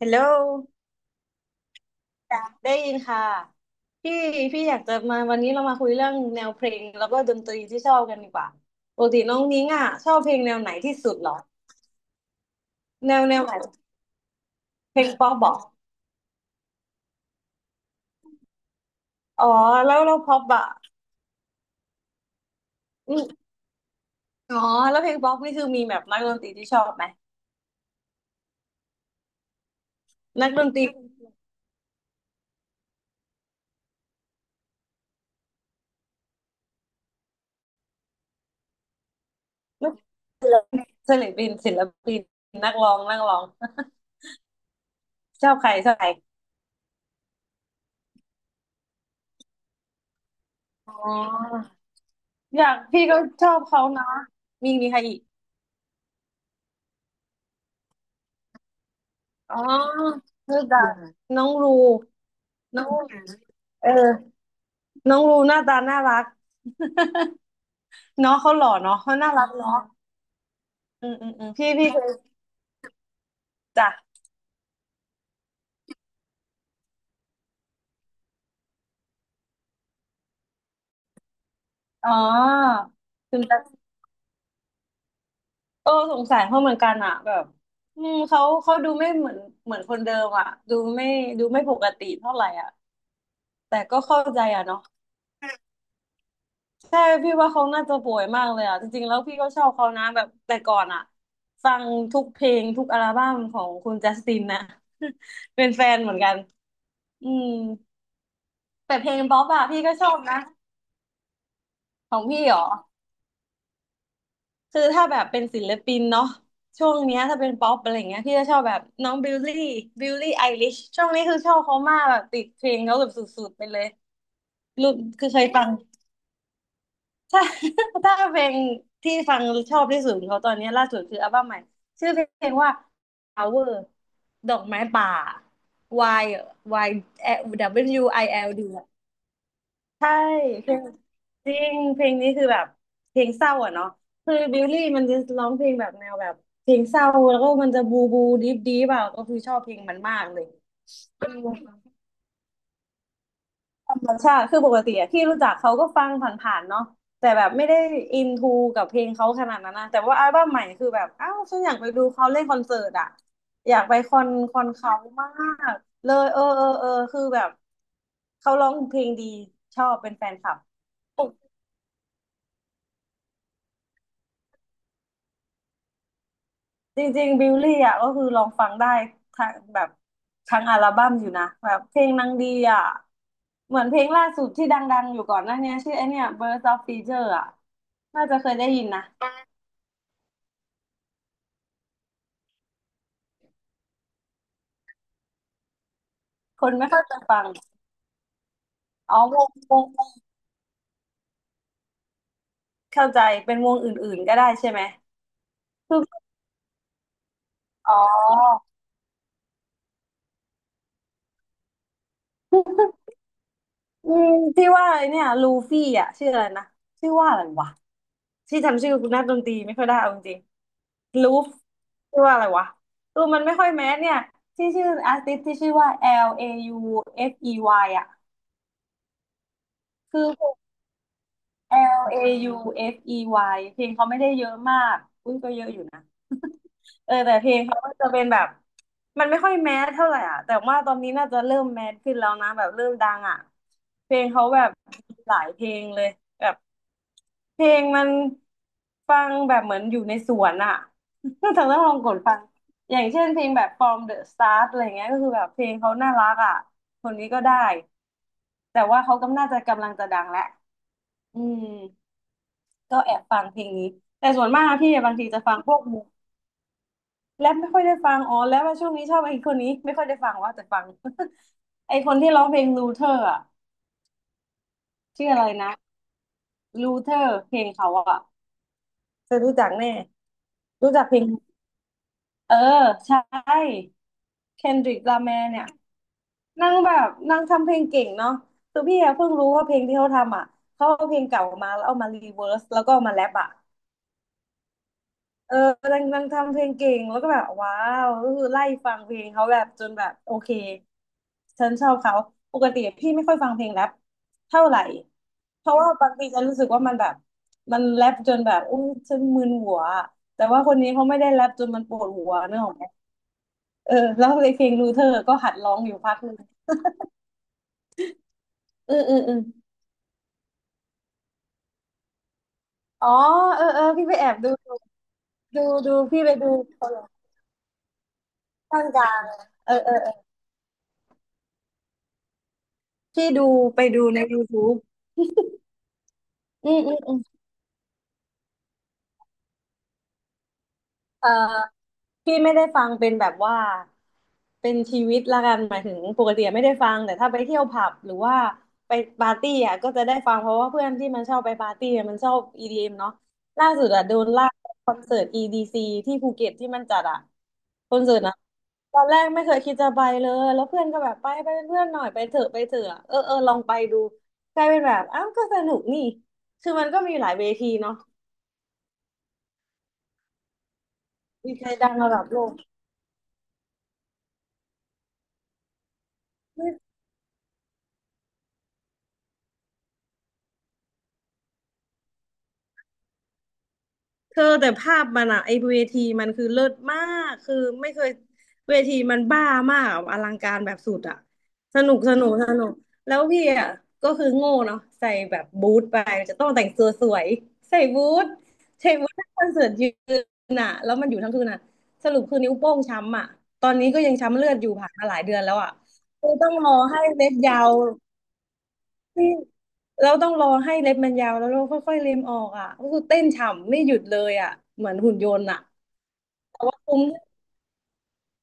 ฮัลโหลได้ยินค่ะพี่พี่อยากจะมาวันนี้เรามาคุยเรื่องแนวเพลงแล้วก็ดนตรีที่ชอบกันดีกว่าปกติน้องนิ้งอ่ะชอบเพลงแนวไหนที่สุดเหรอแนวแนวไหนเพลงป๊อปบอกอ๋อแล้วเราป๊อปอ่ะอืมอ๋อแล้วเพลงป๊อปนี่คือมีแบบนักดนตรีที่ชอบไหมนักดนตรีนักศิลปินศิลปินนักร้องนักร้องชอบใครชอบใครอ๋ออยากพี่ก็ชอบเขานะมีมีใครอีกอ๋อรู้จักน้องรูน้อง เออ น้องรูหน้าตาน่ารักเนาะเขาหล่อเนาะเขาน่ารักเนาะอืมอืมอืมพี่เคยจ้ะอ๋อคุณตาโอ้สงสัยเขาเหมือนกันอะแบบอืมเขาเขาดูไม่เหมือนเหมือนคนเดิมอะดูไม่ดูไม่ปกติเท่าไหร่อะแต่ก็เข้าใจอะเนาะใช่พี่ว่าเขาน่าจะป่วยมากเลยอะจริงๆแล้วพี่ก็ชอบเขานะแบบแต่ก่อนอะฟังทุกเพลงทุกอัลบั้มของคุณจัสตินนะ เป็นแฟนเหมือนกันอืมแต่เพลงป๊อปอะพี่ก็ชอบนะของพี่เหรอ คือถ้าแบบเป็นศิลปินเนาะช่วงเนี้ยถ้าเป็นป๊อปอะไรเงี้ยพี่จะชอบแบบน้องบิลลี่บิลลี่ไอลิชช่วงนี้คือชอบเขามากแบบติดเพลงเขาแบบสุดๆไปเลยรู้คือเคยฟังถ้า ถ้าเพลงที่ฟังชอบที่สุดของเขาตอนนี้ล่าสุดคืออัลบั้มใหม่ชื่อเพลงว่า Flower ดอกไม้ป่า Y Y W I L D ใช่เพลงจริงเพลงนี้คือแบบเพลงเศร้าอ่ะเนาะคือบิลลี่มันจะร้องเพลงแบบแนวแบบเพลงเศร้าแล้วก็มันจะบูบูดิฟดิฟอ่ะก็คือชอบเพลงมันมากเลยอืมธรรมชาติคือปกติอะที่รู้จักเขาก็ฟังผ่านๆเนาะแต่แบบไม่ได้อินทูกับเพลงเขาขนาดนั้นนะแต่ว่าอัลบั้มใหม่คือแบบอ้าวฉันอยากไปดูเขาเล่นคอนเสิร์ตอ่ะอยากไปคอนคอนเขามากเลยเออคือแบบเขาร้องเพลงดีชอบเป็นแฟนคลับ จริงๆบิลลี่อ่ะก็คือลองฟังได้ทั้งแบบทั้งอัลบั้มอยู่นะแบบเพลงนางดีอ่ะเหมือนเพลงล่าสุดที่ดังๆอยู่ก่อนหน้าเนี้ยชื่อไอเนี่ย Birds of Feather อ่ะน่าจะเคยได้ยินนะคนไม่ค่อยจะฟังอ๋อวงเข้าใจเป็นวงอื่นๆก็ได้ใช่ไหมคืออ๋อ อืมที่ว่าไอเนี่ยลูฟี่อ่ะชื่ออะไรนะชื่อว่าอะไรวะที่จำชื่อนักดนตรีไม่ค่อยได้เอาจริงๆลูฟชื่อว่าอะไรวะเออมันไม่ค่อยแมสเนี่ยที่ชื่ออาร์ติสที่ชื่อว่า L A U F E Y อฟอีวายอ่ะคือ L A U F E Y เอฟอีวายเพลงเขาไม่ได้เยอะมากอุ้ยก็เยอะอยู่นะเออแต่เพลงเขาก็จะเป็นแบบมันไม่ค่อยแมสเท่าไหร่อ่ะแต่ว่าตอนนี้น่าจะเริ่มแมสขึ้นแล้วนะแบบเริ่มดังอ่ะเพลงเขาแบบหลายเพลงเลยแบบ เพลงมันฟังแบบเหมือนอยู่ในสวนอะ เธอต้องลองกดฟังอย่างเช่นเพลงแบบ From the Start อะไรเงี้ยก็คือแบบเพลงเขาน่ารักอะคนนี้ก็ได้ แต่ว่าเขากำน่าจะกำลังจะดังแล้วอืมก็แอบฟังเพลงนี้แต่ส่วนมากพี่บางทีจะฟังพวกมูแรปไม่ค่อยได้ฟังอ๋อแรปว่าช่วงนี้ชอบไอ้คนนี้ไม่ค่อยได้ฟังว่าแต่ฟัง ไอ้คนที่ร้องเพลงลูเทอร์อะชื่ออะไรนะลูเทอร์เพลงเขาอะเธอรู้จักแน่รู้จักเพลง เออใช่เคนดริกลาแมร์เนี่ยนั่งแบบนั่งทำเพลงเก่งเนาะคือพี่อะเพิ่งรู้ว่าเพลงที่เขาทำอ่ะเขาเอาเพลงเก่ามาแล้วเอามารีเวิร์สแล้วก็เอามาแรปอ่ะเออนางนางทำเพลงเก่งแล้วก็แบบว้าวก็คือไล่ฟังเพลงเขาแบบจนแบบโอเคฉันชอบเขาปกติพี่ไม่ค่อยฟังเพลงแรปเท่าไหร่เพราะว่าบางทีฉรู้สึกว่ามันแบบมันแรปจนแบบอุ้ยฉันมึนหัวแต่ว่าคนนี้เขาไม่ได้แรปจนมันปวดหัวนึกออกไหม เออแล้วในเพลงลูเธอร์ก็หัดร้องอยู่พักหนึ่งอืออ๋อเออพี่ไปแอบดูดูดูพี่ไปดูคนตั้งกลางเออพี่ดูไปดูใน YouTube อืมอืมอืมเออพี่ไม่ได้ฟังเป็นแบบว่าเป็นชีวิตละกันหมายถึงปกติไม่ได้ฟังแต่ถ้าไปเที่ยวผับหรือว่าไปปาร์ตี้อ่ะก็จะได้ฟังเพราะว่าเพื่อนที่มันชอบไปปาร์ตี้อะมันชอบ EDM เอ็มเนาะล่าสุดอ่ะโดนลากไปคอนเสิร์ตอีดีซ c ที่ภูเก็ตที่มันจัดอ่ะคอนเสิร์ตนะ ตอนแรกไม่เคยคิดจะไปเลย แล้วเพื่อนก็แบบไปไปเป็นเพื่อนหน่อยไปเถอะไปเถอะเออเออลองไปดูกลายเป็นแบบอ้าวก็สนุกนี่คือมันก็มีหลายเวทีเนาะมีใครดังระดับโลก เธอแต่ภาพมันอะไอเวทีมันคือเลิศมากคือไม่เคยเวทีมันบ้ามากอะอลังการแบบสุดอะสนุกสนุกสนุกแล้วพี่อะก็คือโง่เนาะใส่แบบบูทไปจะต้องแต่งตัวสวยใส่บูทใส่บูททั้งคอนเสิร์ตยืนอะแล้วมันอยู่ทั้งคืนอะสรุปคือนิ้วโป้งช้ำอะตอนนี้ก็ยังช้ำเลือดอยู่ผ่านมาหลายเดือนแล้วอะคือต้องรอให้เล็บยาว นี่เราต้องรอให้เล็บมันยาวแล้วเราค่อยๆเล็มออกอ่ะก็คือเต้นฉ่ำไม่หยุดเลยอ่ะเหมือนหุ่นยนต์อ่ะคุ้ม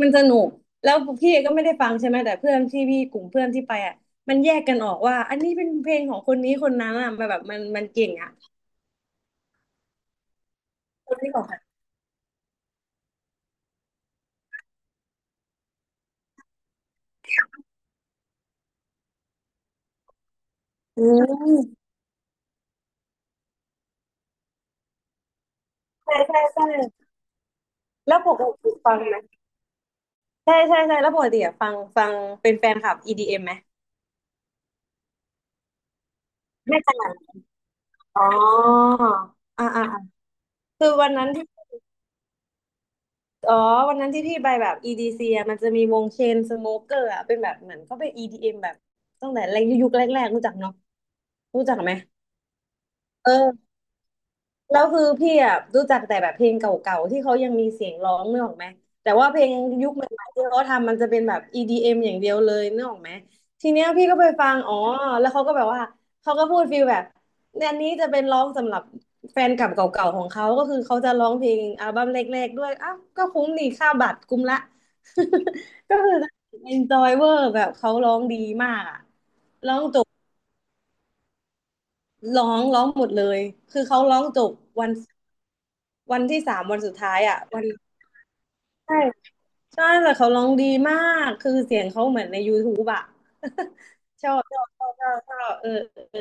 มันสนุกแล้วพี่ก็ไม่ได้ฟังใช่ไหมแต่เพื่อนที่พี่กลุ่มเพื่อนที่ไปอ่ะมันแยกกันออกว่าอันนี้เป็นเพลงของคนนี้คนนั้นอ่ะมันแบบมันมันเก่งอ่ะคนนี้ของใคอืมใช่ใช่ใช่แล้วปกติฟังไหมใช่ใช่ใช่แล้วปกติอ่ะฟังฟังเป็นแฟนคลับ EDM ไหมไม่ใช่อ๋ออ่าอ่าอ่าคือวันนั้น อ๋อ วันนั้นที่พี่ไปแบบ EDC อะมันจะมีวงเชนสโมเกอร์อะเป็นแบบเหมือนเขาเป็น EDM แบบตั้งแต่แรกยุคแรกๆ รู้จักเนาะรู้จักไหมเออ แล้วคือพี่อ่ะรู้จักแต่แบบเพลงเก่าๆที่เขายังมีเสียงร้องนึกออกไหมแต่ว่าเพลงยุคใหม่ๆที่เขาทำมันจะเป็นแบบ EDM อมอย่างเดียวเลยนึกออกไหมทีเนี้ยพี่ก็ไปฟังอ๋อแล้วเขาก็แบบว่าเขาก็พูดฟีลแบบเนี่ยอันนี้จะเป็นร้องสำหรับแฟนเกับเก่าๆของเขาก็คือเขาจะร้องเพลงอัลบั้มแรกๆด้วยอ้าวก็คุ้มนี่ค่าบัตรคุ้มละ ก็คือ enjoy เวอร์แบบเขาร้องดีมากอะร้องจบร้องหมดเลยคือเขาร้องจบวัน วันที่สามวันสุดท้ายอ่ะวันใช่ใช่แต่เขาร้องดีมากคือเสียงเขาเหมือนใน YouTube อ่ะ ชอบชอบชอบชอบชอบเออเออ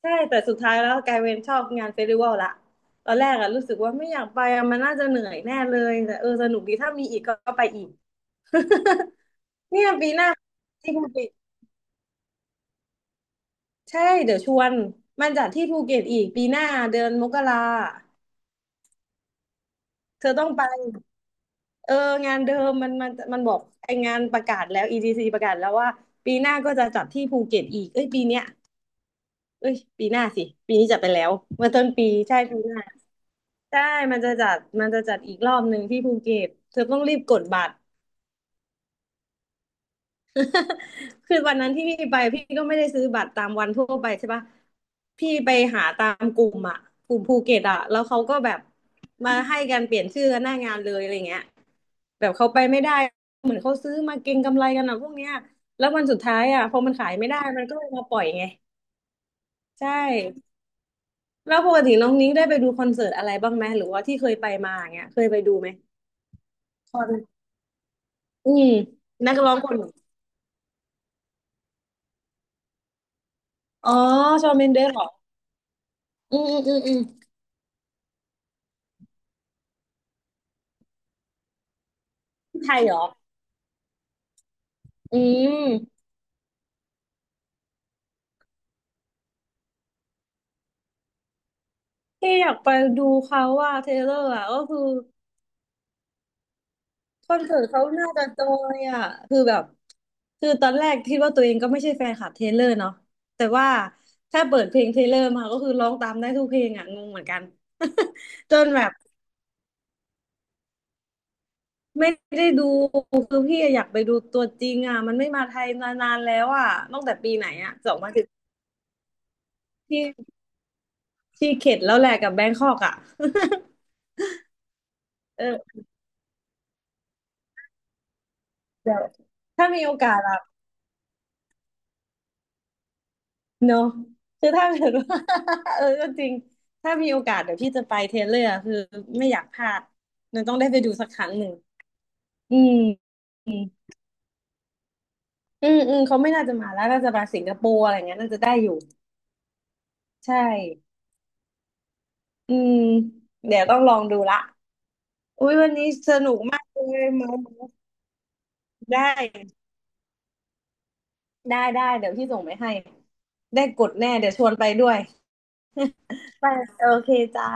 ใช่แต่สุดท้ายแล้วกลายเป็นชอบงานเฟสติวัลละตอนแรกอ่ะรู้สึกว่าไม่อยากไปอะมันน่าจะเหนื่อยแน่เลยแต่เออสนุกดีถ้ามีอีกก็ก็ไปอีก เนี่ยปีหน้าที่ภูเก็ตใช่เดี๋ยวชวนมันจัดที่ภูเก็ตอีกปีหน้าเดือนมกราเธอต้องไป เอองานเดิมมันบอกไองานประกาศแล้ว EDC ประกาศแล้วว่าปีหน้าก็จะจัดที่ภูเก็ตอีกเอ้ยปีเนี้ยเอ้ยปีหน้าสิปีนี้จัดไปแล้วเมื่อต้นปีใช่ปีหน้าใช่มันจะจัดอีกรอบหนึ่งที่ภูเก็ตเธอต้องรีบกดบัตร คือวันนั้นที่พี่ไปพี่ก็ไม่ได้ซื้อบัตรตามวันทั่วไปใช่ปะพี่ไปหาตามกลุ่มอ่ะกลุ่มภูเก็ตอ่ะแล้วเขาก็แบบมาให้กันเปลี่ยนชื่อกันหน้างานเลยอะไรเงี้ยแบบเขาไปไม่ได้เหมือนเขาซื้อมาเก็งกำไรกันอ่ะพวกเนี้ยแล้ววันสุดท้ายอ่ะพอมันขายไม่ได้มันก็เลยมาปล่อยไงใช่แล้วปกติน้องนิ้งได้ไปดูคอนเสิร์ตอะไรบ้างไหมหรือว่าที่เคยไปมาอย่างเงี้ยเคยไปดูไหมชอนอืมนักร้องคนอ๋อชอนเมนเดสเหรออืมอืมอืมอืมที่ไทยเหรอ อืมที่อยากไปดูเขาว่าเทเลอร์อ่ะก็คือคอนเสิร์ตเขาน่าจะจอยอ่ะคือแบบคือตอนแรกคิดว่าตัวเองก็ไม่ใช่แฟนคลับเทเลอร์เนาะแต่ว่าถ้าเปิดเพลงเทเลอร์มาก็คือร้องตามได้ทุกเพลงอ่ะงงเหมือนกัน จนแบบไม่ได้ดูคือพี่อยากไปดูตัวจริงอ่ะมันไม่มาไทยมานานแล้วอ่ะตั้งแต่ปีไหนอ่ะ2010ที่ที่เข็ดแล้วแหละกับแบงคอกอ่ะ เออเดี๋ยวถ้ามีโอกาสอ่ะ เนอะคือถ้าเกิดว่า เออก็จริงถ้ามีโอกาสเดี๋ยวพี่จะไปเทเลอร์คือไม่อยากพลาดมันต้องได้ไปดูสักครั้งหนึ่งอืมอืมอืมอืมเขาไม่น่าจะมาแล้วน่าจะมาสิงคโปร์อะไรเงี้ยน่าจะได้อยู่ใช่อืมเดี๋ยวต้องลองดูละอุ้ยวันนี้สนุกมากเลยเมาได้ได้ได้เดี๋ยวพี่ส่งไปให้ได้กดแน่เดี๋ยวชวนไปด้วย ไปโอเคจ้า